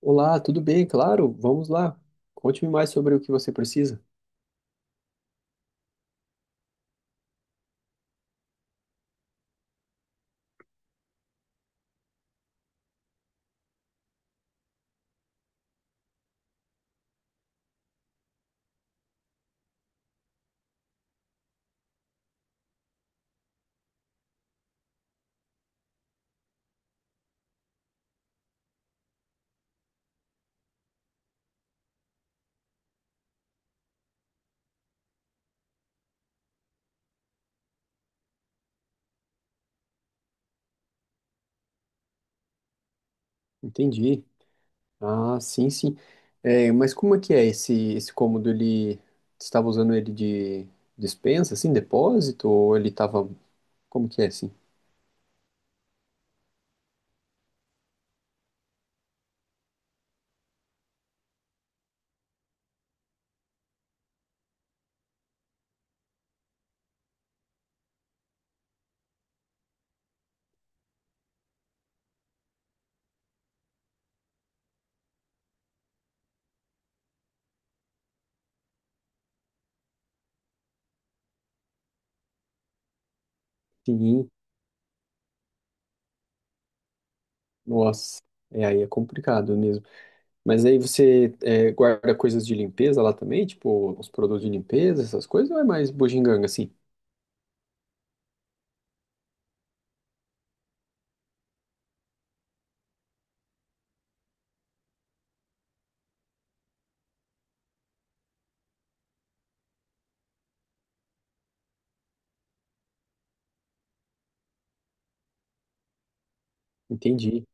Olá, tudo bem? Claro, vamos lá. Conte-me mais sobre o que você precisa. Entendi. Ah, sim, sim. É, mas como é que é esse cômodo? Ele você estava usando ele de despensa, assim, depósito? Ou ele estava. Como que é assim? Sim, nossa. É, aí é complicado mesmo. Mas aí você guarda coisas de limpeza lá também? Tipo, os produtos de limpeza, essas coisas? Ou é mais bugiganga, assim? Entendi.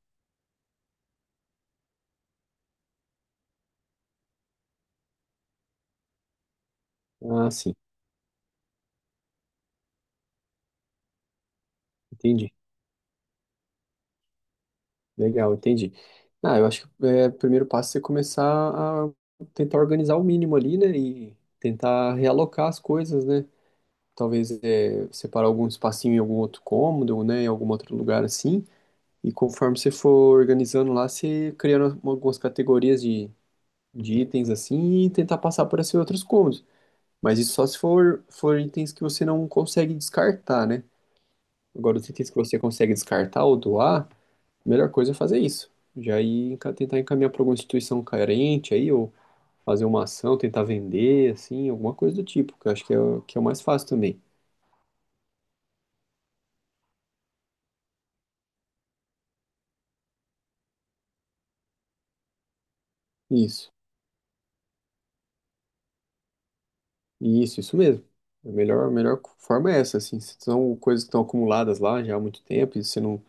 Ah, sim, entendi. Legal, entendi. Ah, eu acho que o primeiro passo é você começar a tentar organizar o mínimo ali, né? E tentar realocar as coisas, né? Talvez separar algum espacinho em algum outro cômodo, né? Em algum outro lugar assim. E conforme você for organizando lá, você criando algumas categorias de itens assim e tentar passar por esses outros cômodos. Mas isso só se for itens que você não consegue descartar, né? Agora, os itens que você consegue descartar ou doar a melhor coisa é fazer isso. Já ir tentar encaminhar para alguma instituição carente aí, ou fazer uma ação, tentar vender, assim, alguma coisa do tipo, que eu acho que que é o mais fácil também. Isso, isso mesmo. A melhor forma é essa, assim, se são coisas que estão acumuladas lá já há muito tempo e você não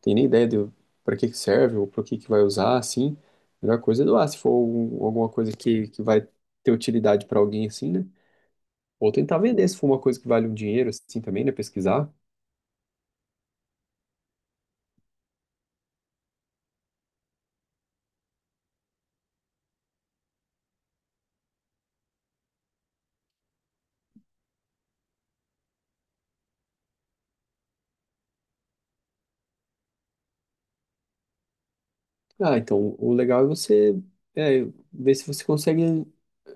tem nem ideia de para que que serve ou para que que vai usar, assim, a melhor coisa é doar, se for alguma coisa que vai ter utilidade para alguém, assim, né? Ou tentar vender, se for uma coisa que vale um dinheiro, assim, também, né? Pesquisar. Ah, então, o legal é você é, ver se você consegue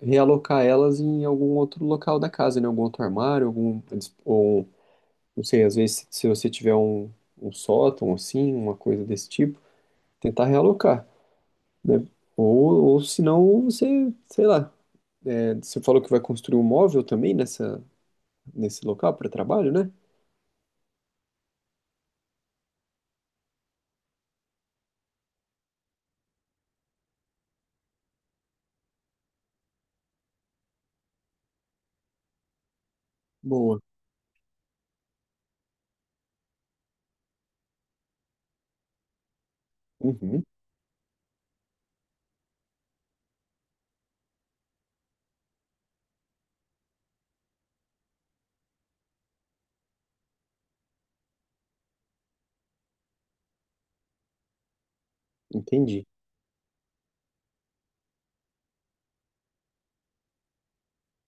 realocar elas em algum outro local da casa, né? Algum outro armário, ou, não sei, às vezes se você tiver um, sótão, assim, uma coisa desse tipo, tentar realocar, né? Ou se não, você, sei lá, você falou que vai construir um móvel também nesse local para trabalho, né? Boa. Uhum, entendi.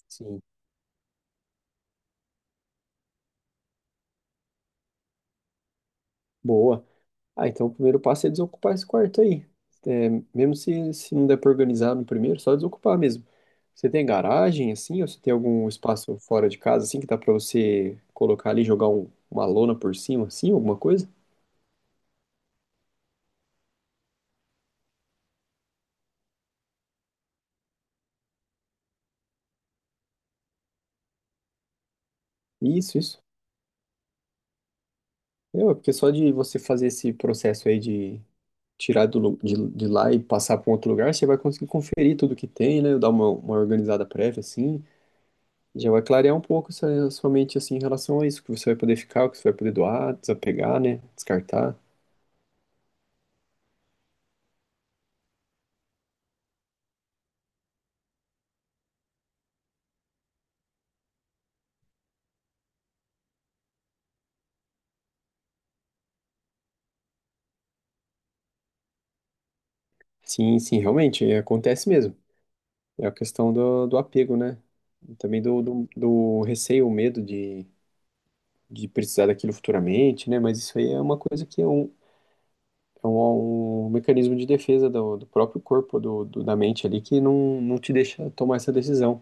Sim. Boa. Ah, então o primeiro passo é desocupar esse quarto aí. É, mesmo se não der para organizar no primeiro, só desocupar mesmo. Você tem garagem, assim, ou você tem algum espaço fora de casa, assim, que dá para você colocar ali, jogar uma lona por cima, assim, alguma coisa? Isso, isso. É, ué, porque só de você fazer esse processo aí de tirar de lá e passar para um outro lugar, você vai conseguir conferir tudo que tem, né? Dar uma organizada prévia, assim, já vai clarear um pouco essa sua mente assim em relação a isso, que você vai poder ficar, o que você vai poder doar, desapegar, né? Descartar. Sim, sim, realmente, acontece mesmo. É a questão do apego, né? E também do receio, o medo de precisar daquilo futuramente, né? Mas isso aí é uma coisa que é um mecanismo de defesa do próprio corpo, da mente ali, que não, não te deixa tomar essa decisão.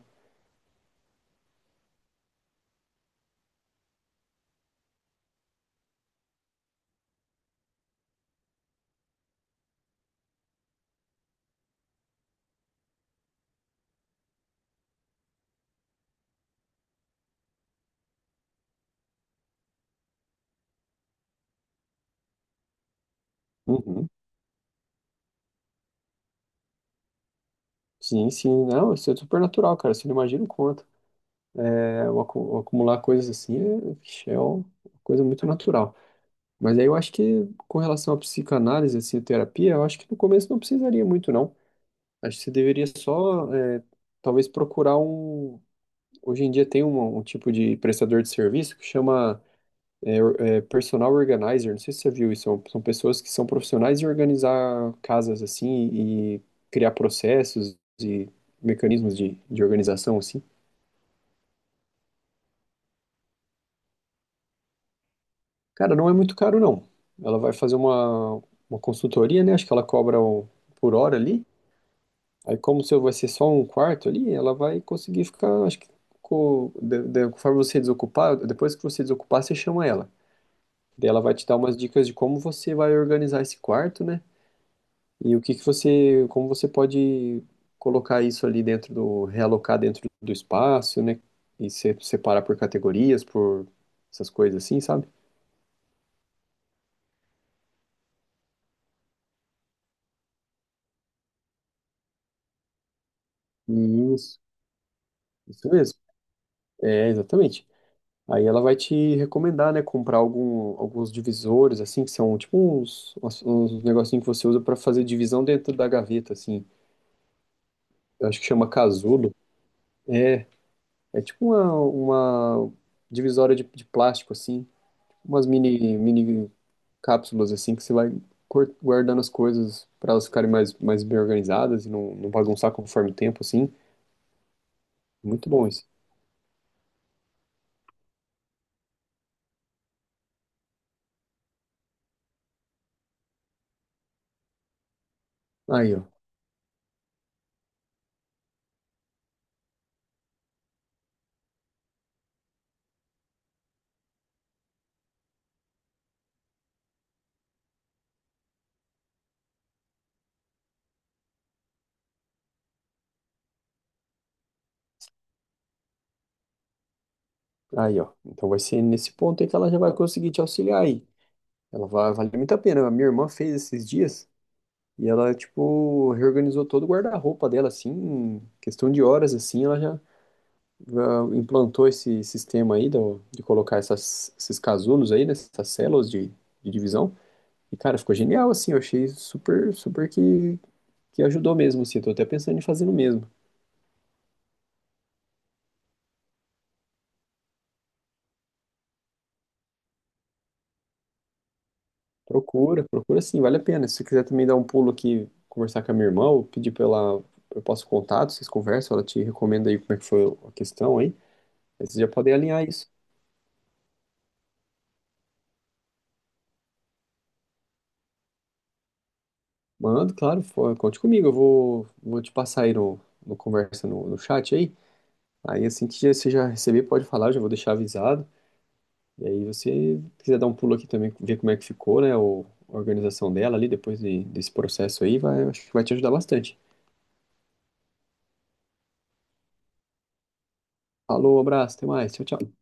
Uhum. Sim, sim, não, isso é super natural, cara. Você não imagina o quanto. É, o acumular coisas assim, vixe, é uma coisa muito natural. Mas aí eu acho que com relação à psicanálise, assim, à terapia, eu acho que no começo não precisaria muito, não. Acho que você deveria só, talvez procurar um. Hoje em dia tem um, tipo de prestador de serviço que chama, é, or- é, personal organizer. Não sei se você viu isso. São pessoas que são profissionais em organizar casas, assim, e criar processos e mecanismos de organização, assim. Cara, não é muito caro, não. Ela vai fazer uma consultoria, né? Acho que ela cobra por hora ali. Aí, como o seu vai ser só um quarto ali, ela vai conseguir ficar, acho que, conforme você desocupar, depois que você desocupar, você chama ela. Daí ela vai te dar umas dicas de como você vai organizar esse quarto, né? E o que que você, como você pode colocar isso ali realocar dentro do espaço, né? E se, separar por categorias, por essas coisas assim, sabe? Isso. Isso mesmo. É, exatamente. Aí ela vai te recomendar, né, comprar alguns divisores, assim, que são tipo uns, uns negocinhos que você usa para fazer divisão dentro da gaveta, assim. Eu acho que chama casulo. É, é tipo uma divisória de plástico, assim, umas mini cápsulas, assim, que você vai guardando as coisas para elas ficarem mais bem organizadas e não bagunçar conforme o tempo, assim. Muito bom isso. Aí, ó. Aí, ó. Então vai ser nesse ponto aí que ela já vai conseguir te auxiliar aí. Ela vale muito a pena. A minha irmã fez esses dias e ela, tipo, reorganizou todo o guarda-roupa dela, assim, em questão de horas, assim, ela já implantou esse sistema aí de colocar esses casulos aí, né, essas células de divisão. E, cara, ficou genial, assim, eu achei super, super que ajudou mesmo, assim, eu tô até pensando em fazer o mesmo. Procura, procura sim, vale a pena. Se você quiser também dar um pulo aqui, conversar com a minha irmã, ou eu passo o contato, vocês conversam, ela te recomenda aí como é que foi a questão aí. Aí vocês já podem alinhar isso. Mando, claro, conte comigo. Eu vou te passar aí no conversa no chat aí. Aí assim que você já receber, pode falar, eu já vou deixar avisado. E aí você quiser dar um pulo aqui também, ver como é que ficou, né? A organização dela ali, depois desse processo aí, vai, acho que vai te ajudar bastante. Falou, abraço, até mais. Tchau, tchau.